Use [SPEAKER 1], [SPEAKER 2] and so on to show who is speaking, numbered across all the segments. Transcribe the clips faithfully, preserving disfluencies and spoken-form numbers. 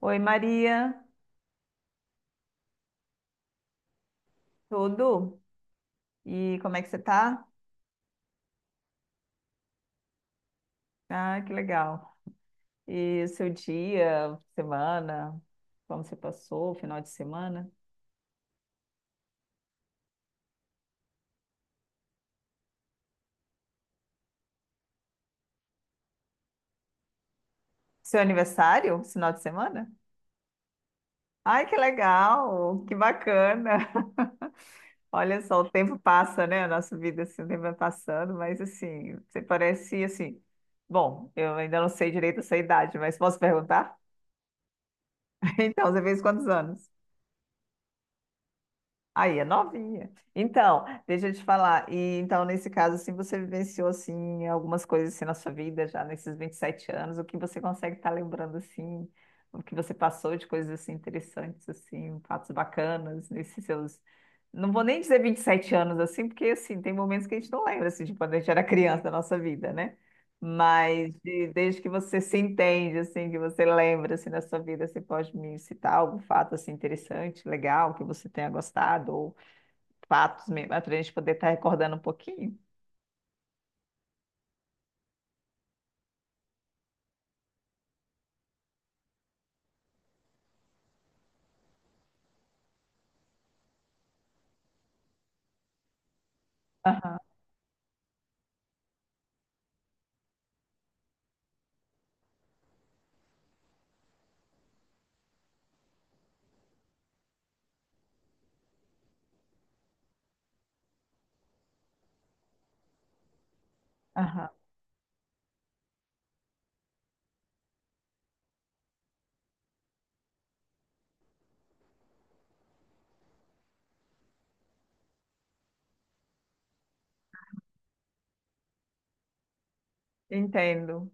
[SPEAKER 1] Oi, Maria, tudo? E como é que você tá? Ah, que legal. E seu dia, semana, como você passou, final de semana? Seu aniversário, final de semana? Ai, que legal, que bacana. Olha só, o tempo passa, né? A nossa vida, assim, o tempo vai passando, mas assim, você parece assim. Bom, eu ainda não sei direito a sua idade, mas posso perguntar? Então, você fez quantos anos? Aí é novinha. Então, deixa eu te falar. E então, nesse caso, assim, você vivenciou assim algumas coisas assim na sua vida já nesses vinte e sete anos, o que você consegue estar lembrando assim, o que você passou de coisas assim interessantes assim, fatos bacanas nesses seus. Não vou nem dizer vinte e sete anos assim, porque assim, tem momentos que a gente não lembra assim de quando a gente era criança da nossa vida, né? Mas de- desde que você se entende, assim, que você lembra, assim, na sua vida, você pode me citar algum fato, assim, interessante, legal, que você tenha gostado, ou fatos mesmo, para a gente poder estar recordando um pouquinho? Aham, aham, entendo.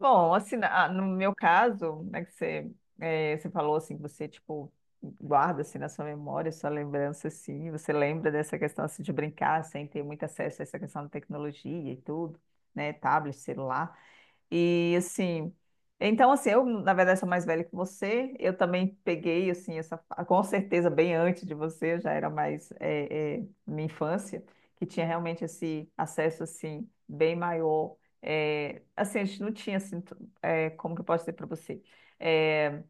[SPEAKER 1] Bom, assim, na- ah, no meu caso, né, que você, eh, você falou, assim, que você, tipo, guarda, assim, na sua memória, sua lembrança, assim, você lembra dessa questão, assim, de brincar, sem ter muito acesso a essa questão da tecnologia e tudo, né, tablet, celular. E assim, então assim, eu na verdade sou mais velha que você, eu também peguei assim essa, fa- com certeza bem antes de você, eu já era mais é, é, minha infância, que tinha realmente esse acesso assim bem maior. É, assim, a gente não tinha assim, t- é, como que eu posso dizer para você? É,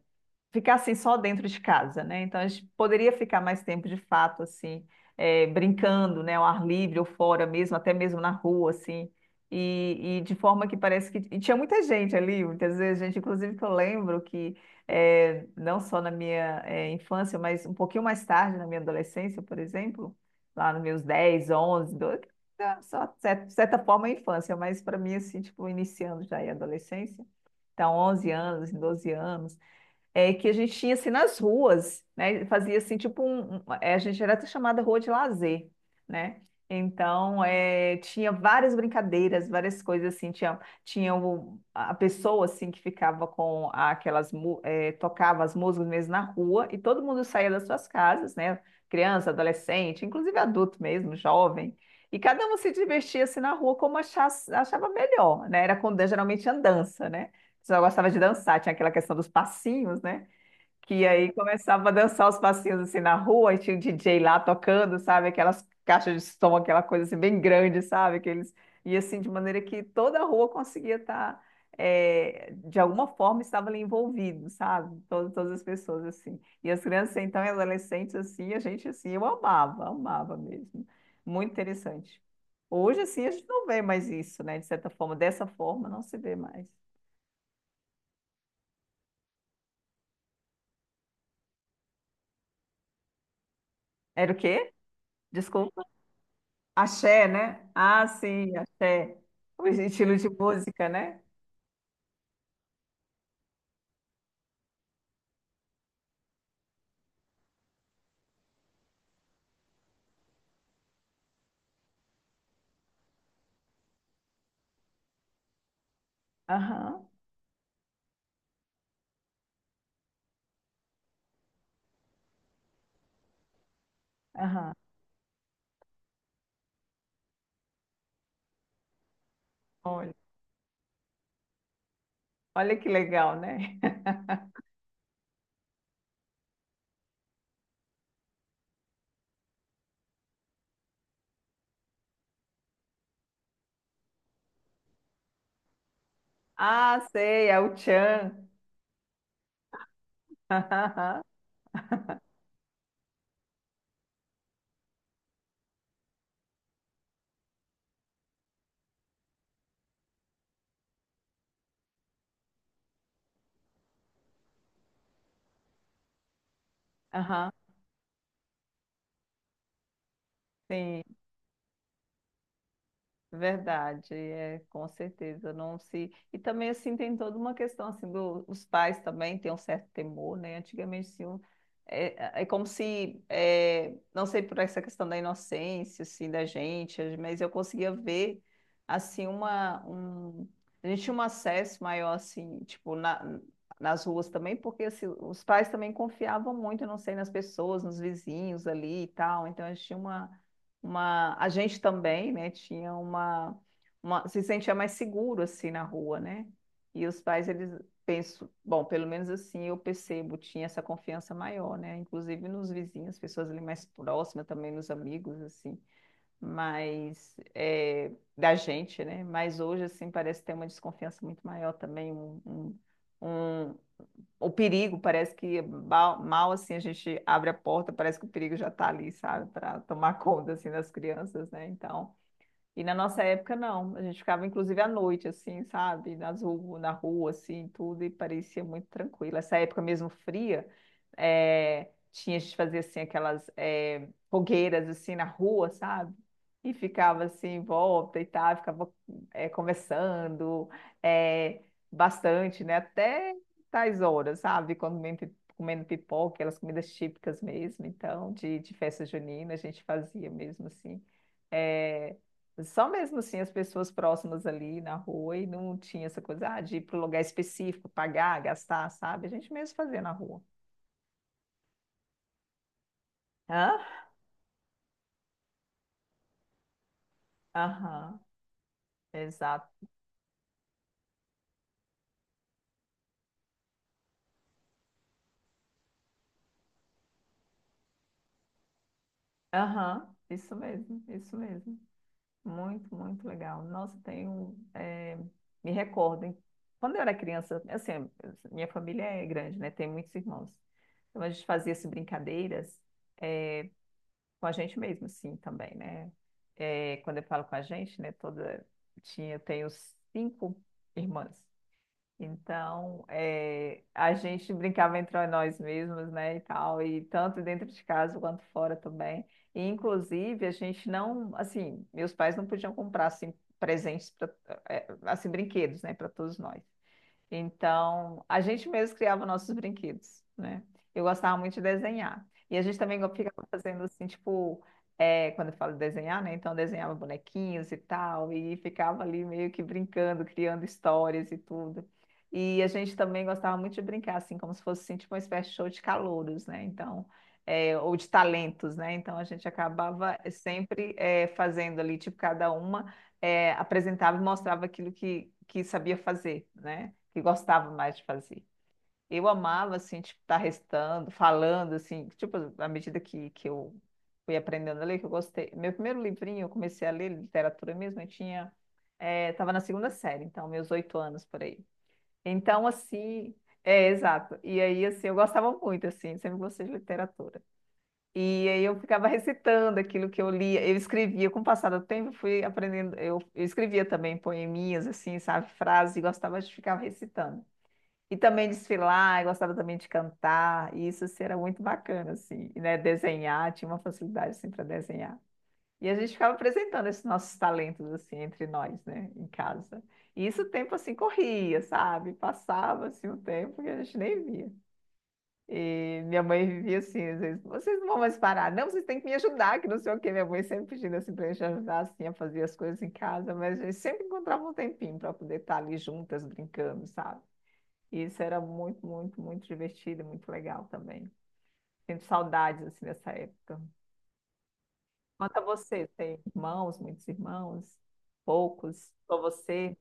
[SPEAKER 1] ficar assim só dentro de casa, né? Então a gente poderia ficar mais tempo de fato assim, eh, brincando, né, ao ar livre ou fora mesmo, até mesmo na rua assim. E, e de forma que parece que e tinha muita gente ali, muitas vezes gente, inclusive que eu lembro que eh, não só na minha eh, infância, mas um pouquinho mais tarde na minha adolescência, por exemplo, lá nos meus dez, onze, doze, né, só de certa certa forma a infância, mas para mim assim, tipo, iniciando já a adolescência, então onze anos, doze anos, é, que a gente tinha assim nas ruas, né? Fazia assim tipo um, um- é, a gente era até chamada rua de lazer, né? Então é, tinha várias brincadeiras, várias coisas assim, tinha, tinha o- a pessoa assim que ficava com aquelas mu- é, tocava as músicas mesmo na rua e todo mundo saía das suas casas, né? Criança, adolescente, inclusive adulto mesmo, jovem. E cada um se divertia assim na rua como achasse- achava melhor, né? Era com, geralmente andança, né? Só gostava de dançar, tinha aquela questão dos passinhos, né? Que aí começava a dançar os passinhos assim na rua, e tinha o D J lá tocando, sabe? Aquelas caixas de som, aquela coisa assim bem grande, sabe? Aqueles... E assim, de maneira que toda a rua conseguia estar, de alguma forma, estava ali envolvido, sabe? Todas, todas as pessoas assim. E as crianças, então, e adolescentes, assim, a gente, assim, eu amava, amava mesmo. Muito interessante. Hoje, assim, a gente não vê mais isso, né? De certa forma, dessa forma, não se vê mais. Era o quê? Desculpa. Axé, né? Ah, sim, axé. O estilo de música, né? Aham, aham. Olha, olha que legal, né? Ah, sei, é o tchan. Aham, aham, sim. Verdade, é, com certeza, não se... E também, assim, tem toda uma questão, assim, do, os pais também têm um certo temor, né? Antigamente, assim, um- é, é como se, é, não sei por essa questão da inocência, assim, da gente, mas eu conseguia ver, assim, uma... Um... A gente tinha um acesso maior, assim, tipo, na, nas ruas também, porque, assim, os pais também confiavam muito, eu não sei, nas pessoas, nos vizinhos ali e tal, então a gente tinha uma uma a gente também, né, tinha uma, uma se sentia mais seguro assim na rua, né? E os pais eles penso, bom, pelo menos assim eu percebo, tinha essa confiança maior, né? Inclusive nos vizinhos, pessoas ali mais próximas, também nos amigos assim, mas é, da gente, né? Mas hoje assim parece ter uma desconfiança muito maior também, um, um, um, o perigo, parece que ba- mal assim a gente abre a porta, parece que o perigo já está ali, sabe, para tomar conta assim das crianças, né? Então, e na nossa época, não. A gente ficava, inclusive, à noite, assim, sabe? Nas ru- na rua, assim, tudo, e parecia muito tranquilo. Essa época mesmo fria, eh, tinha, a gente fazia, assim, aquelas eh, fogueiras, assim, na rua, sabe? E ficava, assim, em volta e tal, ficava eh, conversando eh, bastante, né? Até tais horas, sabe? Quando comendo pi- comendo pipoca, aquelas comidas típicas mesmo, então, de, de festa junina, a gente fazia mesmo, assim. Eh, só mesmo assim as pessoas próximas ali na rua e não tinha essa coisa ah, de ir para um lugar específico, pagar, gastar, sabe? A gente mesmo fazia na rua. Hã? Aham, exato. Aham, isso mesmo, isso mesmo. Muito, muito legal. Nossa, tenho. eh, me recordo, hein? Quando eu era criança, assim, minha família é grande, né? Tem muitos irmãos. Então a gente fazia assim, brincadeiras. Com a gente mesmo, assim, também, né? É, quando eu falo com a gente, né, toda, tinha, eu tenho cinco irmãs. Então, é, a gente brincava entre nós mesmos, né, e tal, e tanto dentro de casa quanto fora também. E, inclusive, a gente não, assim, meus pais não podiam comprar, assim, presentes, pra, eh, assim, brinquedos, né, para todos nós. Então, a gente mesmo criava nossos brinquedos, né? Eu gostava muito de desenhar. E a gente também ficava fazendo assim, tipo, é, quando eu falo desenhar, né? Então, eu desenhava bonequinhos e tal, e ficava ali meio que brincando, criando histórias e tudo. E a gente também gostava muito de brincar, assim, como se fosse assim, tipo uma espécie de show de calouros, né? Então, é, ou de talentos, né? Então, a gente acabava sempre é, fazendo ali, tipo, cada uma é, apresentava e mostrava aquilo que, que sabia fazer, né? que gostava mais de fazer. Eu amava, assim, tipo, estar restando, falando, assim, tipo, à medida que, que eu fui aprendendo a ler, que eu gostei. Meu primeiro livrinho, eu comecei a ler literatura mesmo, eu tinha, estava na segunda série, então, meus oito anos por aí. Então, assim, é, exato. E aí, assim, eu gostava muito, assim, sempre gostei de literatura. E aí eu ficava recitando aquilo que eu lia, eu escrevia, com o passar do tempo, eu fui aprendendo, eu, eu escrevia também poeminhas, assim, sabe, frases, e gostava de ficar recitando. E também desfilar, eu gostava também de cantar, e isso assim, era muito bacana, assim, e, né? Desenhar, tinha uma facilidade assim para desenhar. E a gente ficava apresentando esses nossos talentos assim entre nós, né, em casa. E isso o tempo assim corria, sabe? Passava assim o tempo que a gente nem via. E minha mãe vivia assim, às vezes, vocês não vão mais parar, não, vocês têm que me ajudar, que não sei o quê. Minha mãe sempre pedindo assim para a gente ajudar assim a fazer as coisas em casa, mas a gente sempre encontrava um tempinho para poder estar ali juntas brincando, sabe? E Isso era muito, muito, muito divertido e muito legal também. Sinto saudades, assim, dessa época. Quanto a você, tem irmãos, muitos irmãos? Poucos? Só você?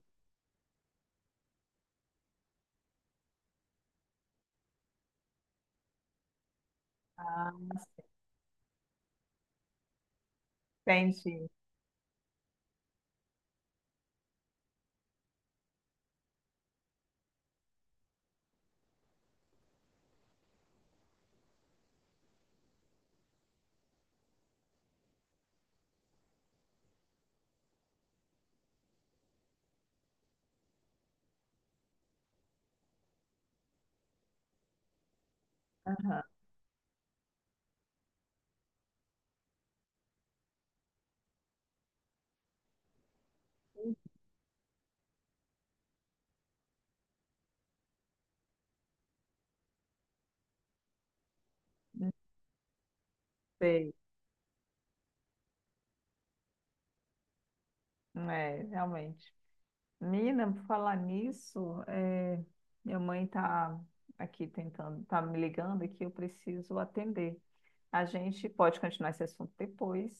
[SPEAKER 1] Ah, entendi. Aham. Não Sei. É, realmente. Mina, por falar nisso, é, minha mãe está aqui tentando, tá me ligando aqui, eu preciso atender. A gente pode continuar esse assunto depois,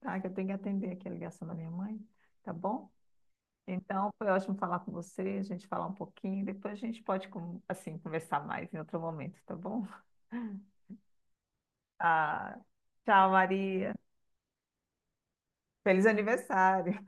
[SPEAKER 1] tá? Que eu tenho que atender aqui a ligação da minha mãe, tá bom? Então, foi ótimo falar com você, a gente falar um pouquinho, depois a gente pode, com- assim, conversar mais em outro momento, tá bom? Ah, tchau, Maria. Feliz aniversário.